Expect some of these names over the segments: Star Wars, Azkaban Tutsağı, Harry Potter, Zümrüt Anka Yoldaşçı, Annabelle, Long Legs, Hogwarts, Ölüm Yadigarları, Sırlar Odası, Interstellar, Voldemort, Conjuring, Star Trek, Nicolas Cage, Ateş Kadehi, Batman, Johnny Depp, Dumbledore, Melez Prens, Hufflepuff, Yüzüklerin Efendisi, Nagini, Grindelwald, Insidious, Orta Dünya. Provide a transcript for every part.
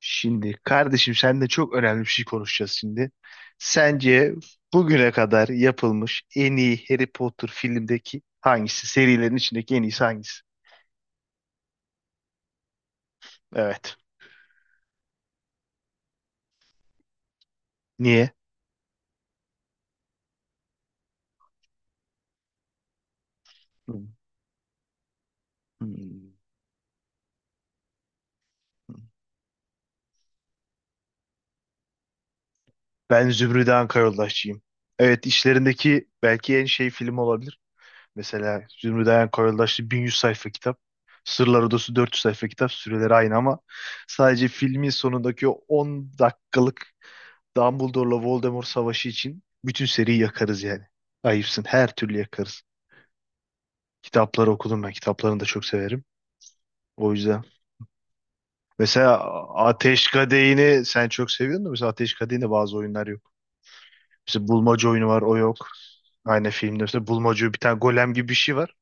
Şimdi kardeşim seninle çok önemli bir şey konuşacağız şimdi. Sence bugüne kadar yapılmış en iyi Harry Potter filmdeki hangisi? Serilerin içindeki en iyisi hangisi? Evet. Niye? Hmm. Hmm. Ben Zümrüt Anka Yoldaşçıyım. Evet işlerindeki belki en şey film olabilir. Mesela Zümrüt Anka Yoldaşçı 1100 sayfa kitap. Sırlar Odası 400 sayfa kitap. Süreleri aynı ama sadece filmin sonundaki o 10 dakikalık Dumbledore'la Voldemort savaşı için bütün seriyi yakarız yani. Ayıpsın. Her türlü yakarız. Kitapları okudum ben. Kitaplarını da çok severim. O yüzden. Mesela Ateş Kadehi'ni sen çok seviyordun da mesela Ateş Kadehi'nde bazı oyunlar yok. Mesela bulmaca oyunu var o yok. Aynı filmde mesela bulmaca bir tane golem gibi bir şey var.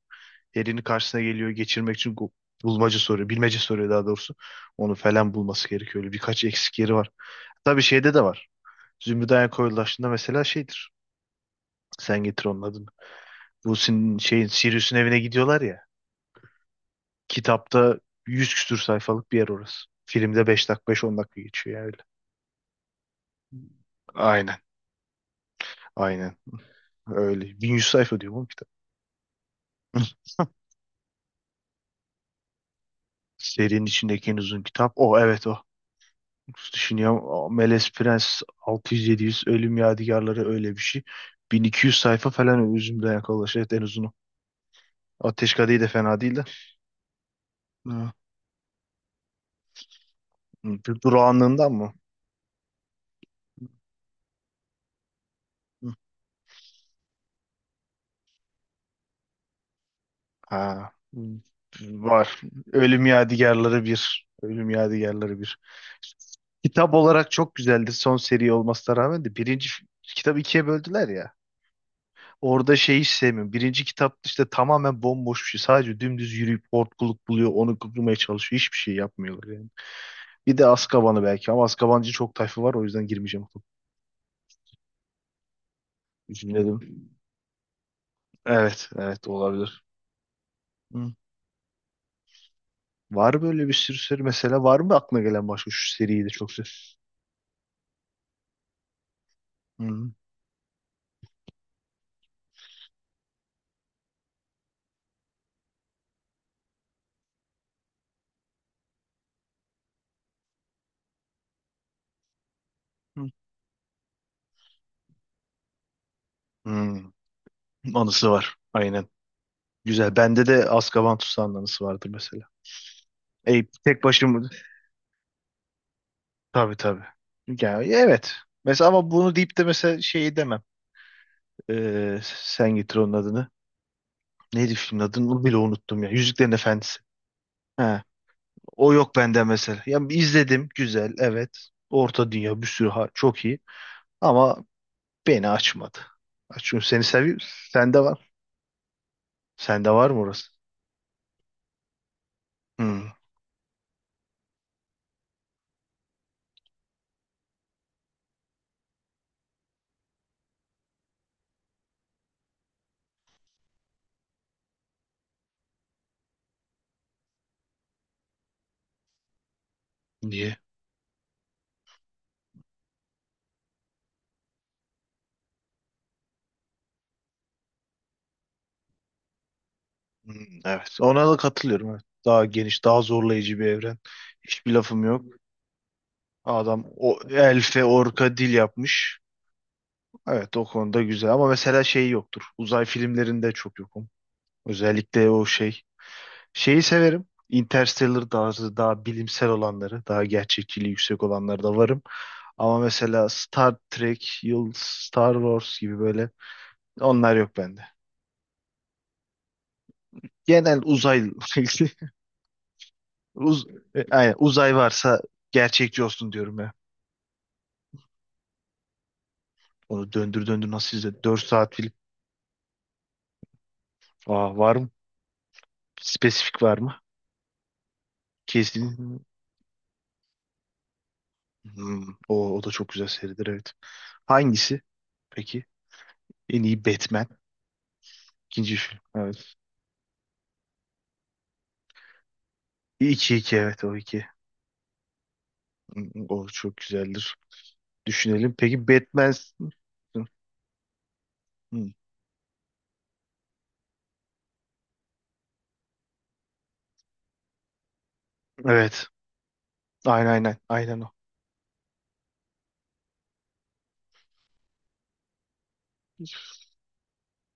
Elini karşısına geliyor geçirmek için bulmaca soruyor. Bilmece soruyor daha doğrusu. Onu falan bulması gerekiyor. Öyle birkaç eksik yeri var. Tabii şeyde de var. Zümrüt Dayan Koyulaşı'nda mesela şeydir. Sen getir onun adını. Bu sin şeyin Sirius'un evine gidiyorlar ya. Kitapta 100 küsür sayfalık bir yer orası. Filmde 5 dakika 5-10 dakika geçiyor yani, öyle. Aynen. Aynen. Öyle. 1100 sayfa diyor bu kitap. Serinin içindeki en uzun kitap. O evet o. Düşünüyorum. O Melez Prens 600-700, Ölüm Yadigarları öyle bir şey. 1200 sayfa falan özümden yakalaş. Evet en uzunu. Ateş Kadehi de fena değil de. Hı. Bu durağanlığından mı? Hı. Ha, hmm, var. Ölüm Yadigarları bir. Ölüm Yadigarları bir. Kitap olarak çok güzeldir son seri olmasına rağmen de birinci kitabı ikiye böldüler ya. Orada şeyi hiç sevmiyorum. Birinci kitap işte tamamen bomboş bir şey. Sadece dümdüz yürüyüp hortkuluk buluyor. Onu kurmaya çalışıyor. Hiçbir şey yapmıyorlar yani. Bir de Azkaban'ı belki ama Azkabancı çok tayfı var o yüzden girmeyeceğim. Düşünelim. Evet, evet olabilir. Hı. Var böyle bir sürü seri mesela var mı aklına gelen başka şu seriyi de çok sev. Hı. Hı. Hı. Anısı var. Aynen. Güzel. Bende de Azkaban Tutsağı'nın anısı vardır mesela. E, tek başım tabii tabii. Yani, evet. Mesela ama bunu deyip de mesela şeyi demem. Sen getir onun adını. Neydi filmin adını bile unuttum ya. Yüzüklerin Efendisi. Ha. O yok bende mesela. Ya izledim. Güzel. Evet. Orta Dünya bir sürü çok iyi. Ama beni açmadı. Çünkü seni seviyor. Sende var. Sende var mı orası? Hmm. Niye? Hmm, evet. Ona da katılıyorum. Evet. Daha geniş, daha zorlayıcı bir evren. Hiçbir lafım yok. Adam o elfe, orka dil yapmış. Evet, o konuda güzel ama mesela şey yoktur. Uzay filmlerinde çok yokum. Özellikle o şey. Şeyi severim. Interstellar tarzı daha bilimsel olanları, daha gerçekçiliği yüksek olanları da varım. Ama mesela Star Trek, Yıl Star Wars gibi böyle onlar yok bende. Genel uzay, uz, aynen, uzay varsa gerçekçi olsun diyorum ya. Onu döndür döndür nasıl izle? 4 saat film. Aa, var mı? Spesifik var mı? Kesin. Hmm, o, o da çok güzel seridir evet. Hangisi? Peki. En iyi Batman. İkinci film. Evet. İki iki evet o iki. Hmm, o çok güzeldir. Düşünelim. Peki Batman. Hmm, hmm. Evet. Aynen. Aynen o.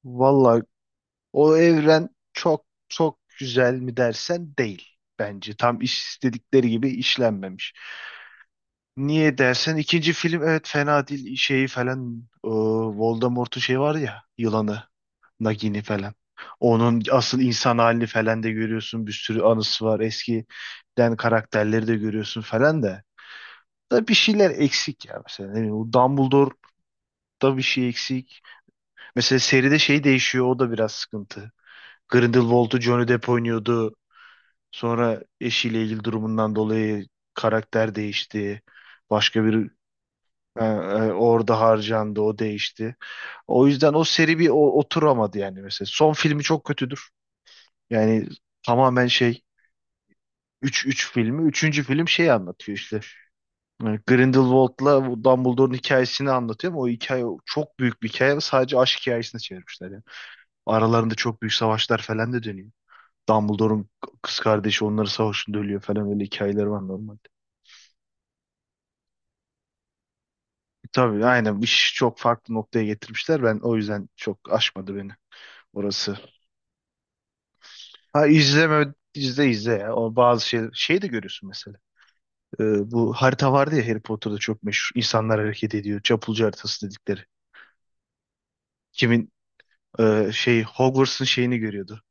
Vallahi o evren çok çok güzel mi dersen değil. Bence tam iş istedikleri gibi işlenmemiş. Niye dersen ikinci film evet fena değil şeyi falan, e, Voldemort'un şey var ya yılanı Nagini falan. Onun asıl insan halini falan da görüyorsun bir sürü anısı var eskiden karakterleri de görüyorsun falan da. Da bir şeyler eksik ya mesela ne bileyim, o Dumbledore'da bir şey eksik. Mesela seride şey değişiyor o da biraz sıkıntı. Grindelwald'u Johnny Depp oynuyordu. Sonra eşiyle ilgili durumundan dolayı karakter değişti. Başka bir orada harcandı, o değişti. O yüzden o seri bir oturamadı yani mesela. Son filmi çok kötüdür. Yani tamamen şey üç filmi. Üçüncü film şey anlatıyor işte. Grindelwald'la bu Dumbledore'un hikayesini anlatıyor ama o hikaye çok büyük bir hikaye ve sadece aşk hikayesine çevirmişler yani. Aralarında çok büyük savaşlar falan da dönüyor. Dumbledore'un kız kardeşi onları savaşında ölüyor falan, öyle hikayeler var normalde. Tabii aynen iş çok farklı noktaya getirmişler. Ben o yüzden çok aşmadı beni orası. Ha izleme izle ya. O bazı şey de görüyorsun mesela. Bu harita vardı ya, Harry Potter'da çok meşhur. İnsanlar hareket ediyor. Çapulcu haritası dedikleri. Kimin şey, Hogwarts'ın şeyini görüyordu.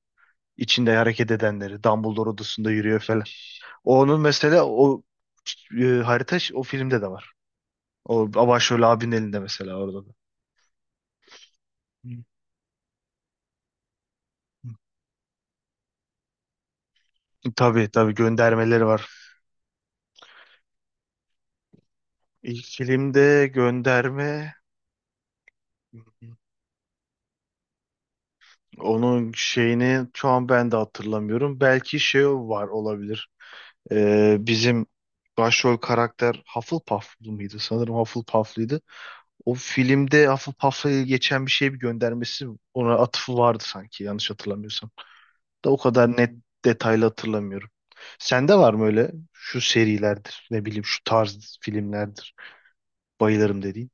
İçinde hareket edenleri. Dumbledore odasında yürüyor falan. Onun mesela o harita o filmde de var. O başrol abinin elinde mesela orada da. Hı. Tabii tabii göndermeleri var. İlk filmde gönderme. Onun şeyini şu an ben de hatırlamıyorum. Belki şey var olabilir. Bizim başrol karakter Hufflepuff'lu mıydı? Sanırım Hufflepuff'lıydı. O filmde Hufflepuff'la geçen bir şey bir göndermesi, ona atıfı vardı sanki yanlış hatırlamıyorsam. Da o kadar net detaylı hatırlamıyorum. Sende var mı öyle şu serilerdir ne bileyim şu tarz filmlerdir bayılırım dediğin?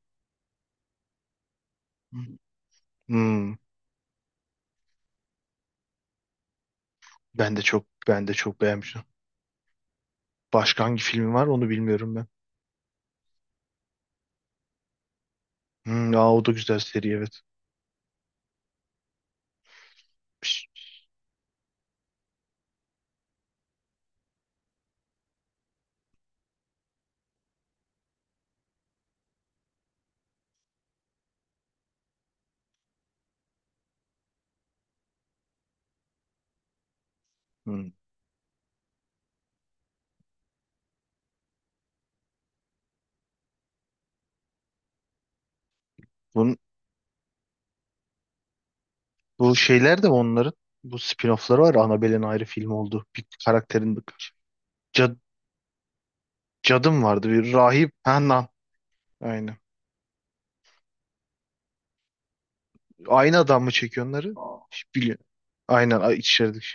Hmm, ben de çok beğenmiştim. Başka hangi filmi var onu bilmiyorum ben. Hmm, aa, o da güzel seri evet. Piş. Hmm. Bun- bu şeyler de onların bu spin-off'ları var. Annabelle'in ayrı film oldu. Bir karakterin cad, cadım vardı. Bir rahip. Ha, Nan. Aynen. Aynı adam mı çekiyor onları? Biliyorum. İçerdik.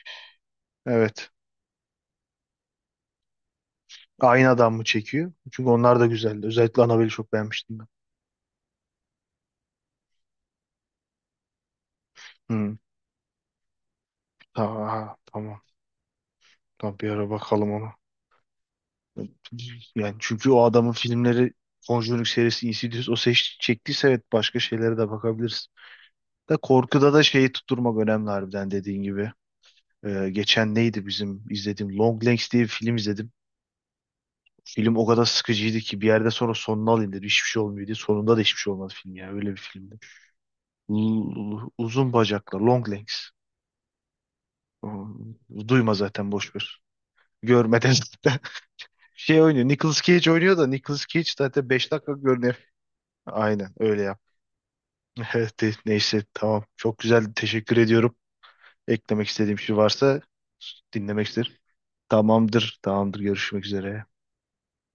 Evet. Aynı adam mı çekiyor? Çünkü onlar da güzeldi. Özellikle Annabelle'i çok beğenmiştim ben. Hmm. Aa, tamam. Tamam bir ara bakalım ona. Yani çünkü o adamın filmleri Conjuring serisi, Insidious o seç, çektiyse evet başka şeylere de bakabiliriz. Da korkuda da şeyi tutturmak önemli harbiden dediğin gibi. Geçen neydi bizim izlediğim Long Legs diye bir film izledim. Film o kadar sıkıcıydı ki bir yerde sonra sonunu alayım dedim. Hiçbir şey olmuyor diye. Sonunda da hiçbir şey olmadı film ya. Öyle bir filmdi. Uzun bacaklar, Long Legs. Hmm, duyma zaten boş ver. Görmeden zaten. Şey oynuyor. Nicolas Cage oynuyor da Nicolas Cage zaten 5 dakika görünüyor. Aynen öyle. Evet, neyse tamam. Çok güzel. Teşekkür ediyorum. Eklemek istediğim şey varsa dinlemek isterim. Tamamdır. Tamamdır. Görüşmek üzere.